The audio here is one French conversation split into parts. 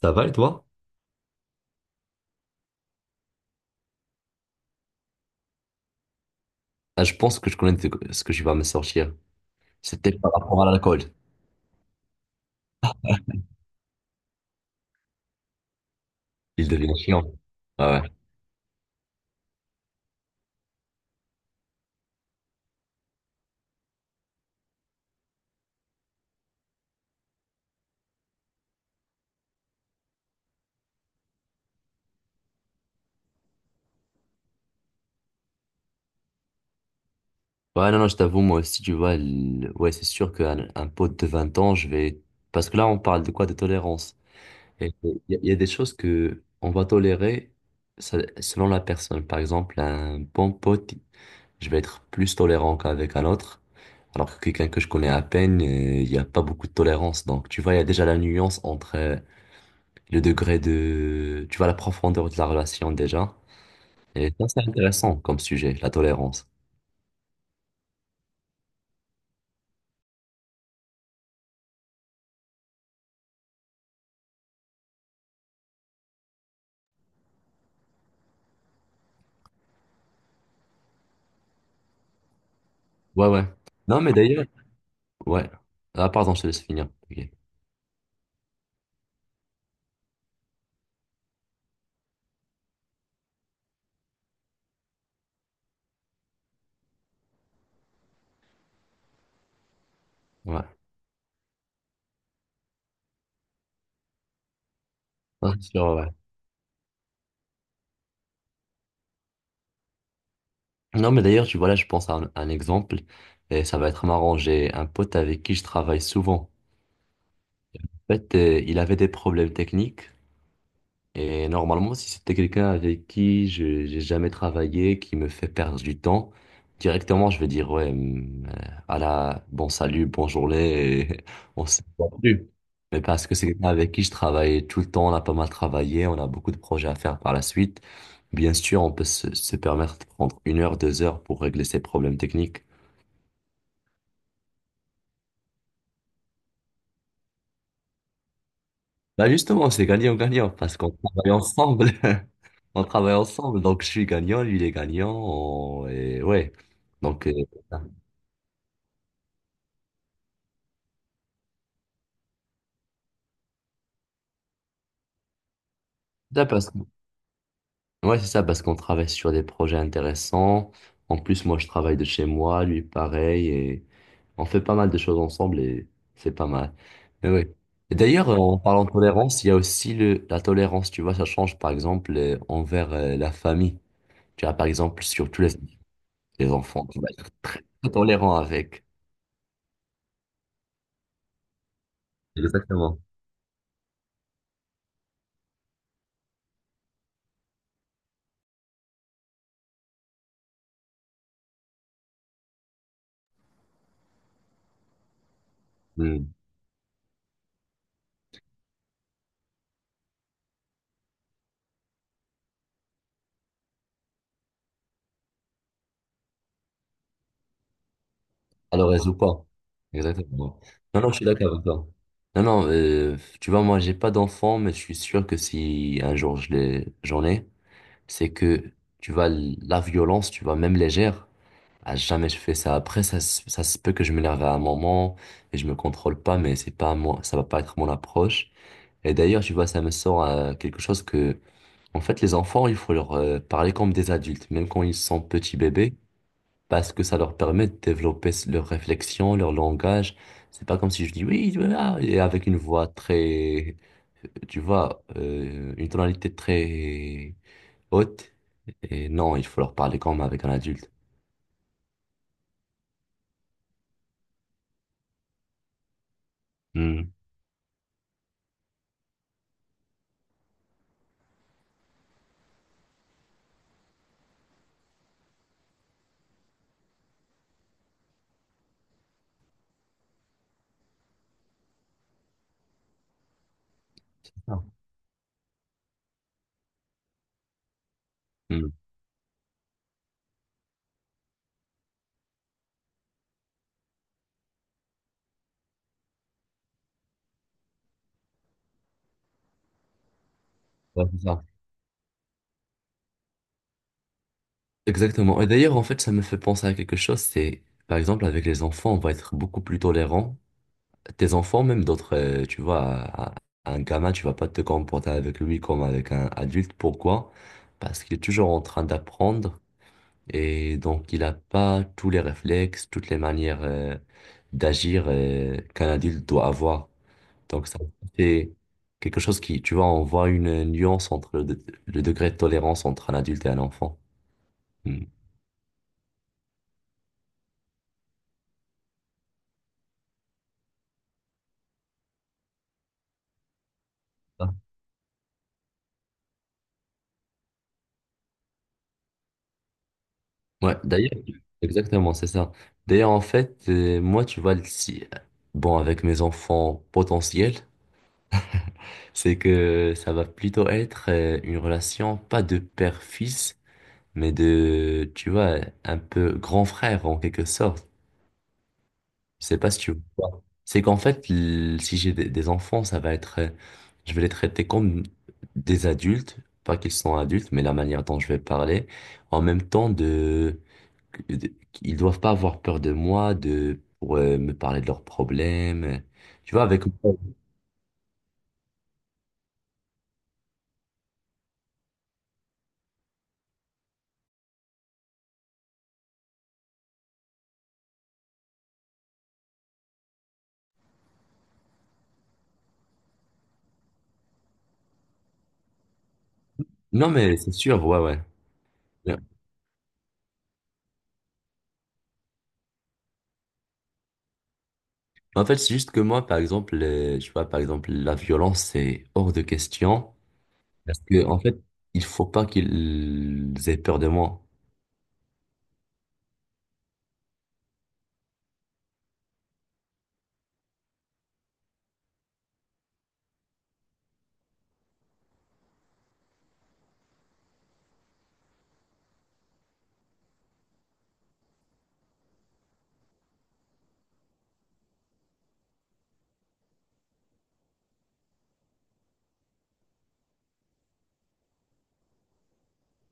Ça va et toi? Ah, je pense que je connais ce que je vais me sortir. C'était par rapport à l'alcool. Il devient chiant. Ah, ouais. Ouais, non, non, je t'avoue, moi aussi, tu vois, ouais, c'est sûr qu'un un pote de 20 ans, je vais... Parce que là, on parle de quoi? De tolérance. Et il y a des choses que on va tolérer selon la personne. Par exemple, un bon pote, je vais être plus tolérant qu'avec un autre. Alors que quelqu'un que je connais à peine, il n'y a pas beaucoup de tolérance. Donc, tu vois, il y a déjà la nuance entre... le degré de, tu vois, la profondeur de la relation déjà. Et ça, c'est intéressant comme sujet, la tolérance. Ouais, ouais. Non, mais d'ailleurs, ouais. Ah, pardon, je te laisse finir. Ok. Ouais. Non, c'est sûr, ouais. Non, mais d'ailleurs, tu vois, là, je pense à un exemple, et ça va être marrant. J'ai un pote avec qui je travaille souvent. En fait, il avait des problèmes techniques, et normalement, si c'était quelqu'un avec qui je j'ai jamais travaillé, qui me fait perdre du temps, directement, je vais dire, ouais, à la, bon salut, bonne journée, et on se voit plus. Mais parce que c'est quelqu'un avec qui je travaille tout le temps, on a pas mal travaillé, on a beaucoup de projets à faire par la suite. Bien sûr, on peut se permettre de prendre une heure, deux heures pour régler ses problèmes techniques. Bah justement, c'est gagnant-gagnant parce qu'on travaille ensemble. On travaille ensemble, donc je suis gagnant, lui il est gagnant, et ouais. Donc, ça Ça, parce que- ouais, c'est ça, parce qu'on travaille sur des projets intéressants. En plus, moi, je travaille de chez moi, lui, pareil, et on fait pas mal de choses ensemble, et c'est pas mal. Mais ouais. Et d'ailleurs, en parlant de tolérance, il y a aussi la tolérance, tu vois, ça change, par exemple, envers la famille. Tu vois, par exemple, surtout les enfants, tu vas être très tolérant avec. Exactement. Alors le pas. Exactement. Non, non, je suis d'accord avec toi. Non, non, tu vois, moi, j'ai pas d'enfant, mais je suis sûr que si un jour je l'ai, j'en ai, c'est que, tu vois, la violence, tu vois, même légère, à jamais je fais ça. Après, ça se peut que je m'énerve à un moment et je me contrôle pas, mais c'est pas moi, ça va pas être mon approche. Et d'ailleurs, tu vois, ça me sort à quelque chose que, en fait, les enfants, il faut leur parler comme des adultes, même quand ils sont petits bébés parce que ça leur permet de développer leur réflexion, leur langage. C'est pas comme si je dis oui, voilà, et avec une voix très, tu vois, une tonalité très haute. Et non, il faut leur parler comme avec un adulte. Hmm. Non. Hmm. Ouais, c'est ça. Exactement. Et d'ailleurs, en fait, ça me fait penser à quelque chose, c'est, par exemple, avec les enfants, on va être beaucoup plus tolérant tes enfants, même d'autres, tu vois, à un gamin, tu vas pas te comporter avec lui comme avec un adulte. Pourquoi? Parce qu'il est toujours en train d'apprendre et donc il n'a pas tous les réflexes, toutes les manières d'agir qu'un adulte doit avoir. Donc ça, c'est quelque chose qui, tu vois, on voit une nuance entre le degré de tolérance entre un adulte et un enfant. Hmm. Ouais, d'ailleurs, exactement, c'est ça. D'ailleurs, en fait, moi, tu vois, si, bon, avec mes enfants potentiels, c'est que ça va plutôt être une relation, pas de père-fils, mais de, tu vois, un peu grand frère en quelque sorte. Je sais pas si tu vois. C'est qu'en fait, si j'ai des enfants, ça va être, je vais les traiter comme des adultes, pas qu'ils sont adultes, mais la manière dont je vais parler, en même temps de- ils doivent pas avoir peur de moi, de pour me parler de leurs problèmes, tu vois, avec. Non, mais c'est sûr, ouais, ouais. Ouais. En fait, c'est juste que moi, par exemple, je vois, par exemple, la violence, c'est hors de question, parce que en fait, il faut pas qu'ils aient peur de moi,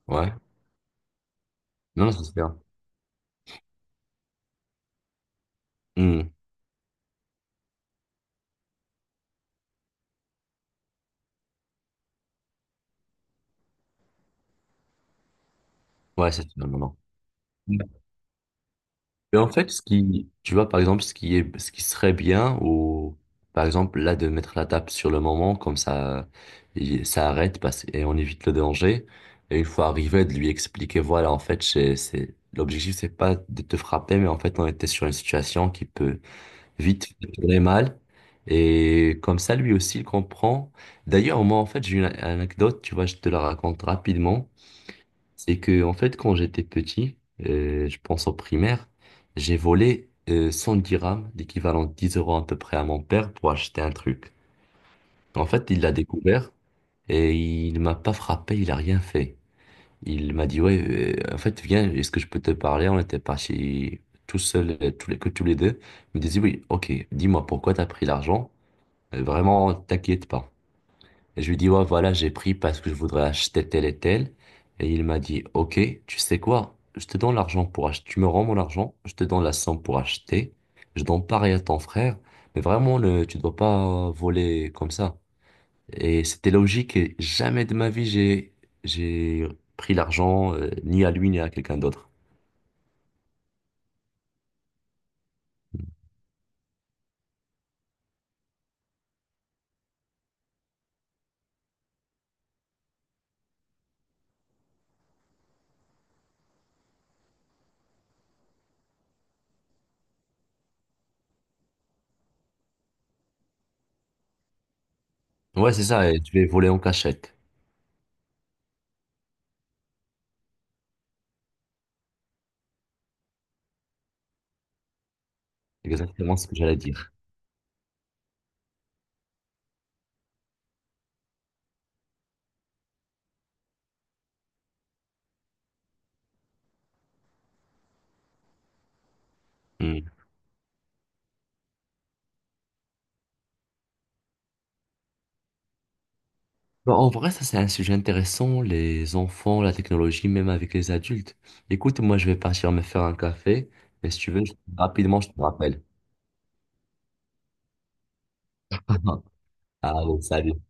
ouais. Non, ça se perd. Hmm. Ouais, c'est non, non, non. Et en fait, ce qui, tu vois, par exemple, ce qui est, ce qui serait bien, ou par exemple, là, de mettre la tape sur le moment, comme ça, ça arrête parce, et on évite le danger. Et une fois arrivé, de lui expliquer, voilà, en fait, l'objectif, c'est pas de te frapper, mais en fait, on était sur une situation qui peut vite tourner mal. Et comme ça, lui aussi, il comprend. D'ailleurs, moi, en fait, j'ai une anecdote, tu vois, je te la raconte rapidement. C'est que, en fait, quand j'étais petit, je pense au primaire, j'ai volé 100 dirhams, l'équivalent de 10 euros à peu près à mon père pour acheter un truc. En fait, il l'a découvert et il m'a pas frappé, il a rien fait. Il m'a dit, ouais, en fait, viens, est-ce que je peux te parler? On était partis tout seuls, que tous les deux. Il me disait, oui, ok, dis-moi pourquoi t'as pris l'argent. Vraiment, t'inquiète pas. Et je lui dis, ouais, voilà, j'ai pris parce que je voudrais acheter tel et tel. Et il m'a dit, ok, tu sais quoi? Je te donne l'argent pour acheter. Tu me rends mon argent, je te donne la somme pour acheter. Je donne pareil à ton frère. Mais vraiment, tu dois pas voler comme ça. Et c'était logique. Et jamais de ma vie, j'ai pris l'argent, ni à lui, ni à quelqu'un d'autre. Ouais, c'est ça. Et je vais voler en cachette. Exactement ce que j'allais dire. Hmm. Bah, en vrai, ça c'est un sujet intéressant, les enfants, la technologie, même avec les adultes. Écoute, moi je vais partir me faire un café, mais si tu veux, rapidement, je te rappelle. Allez, salut.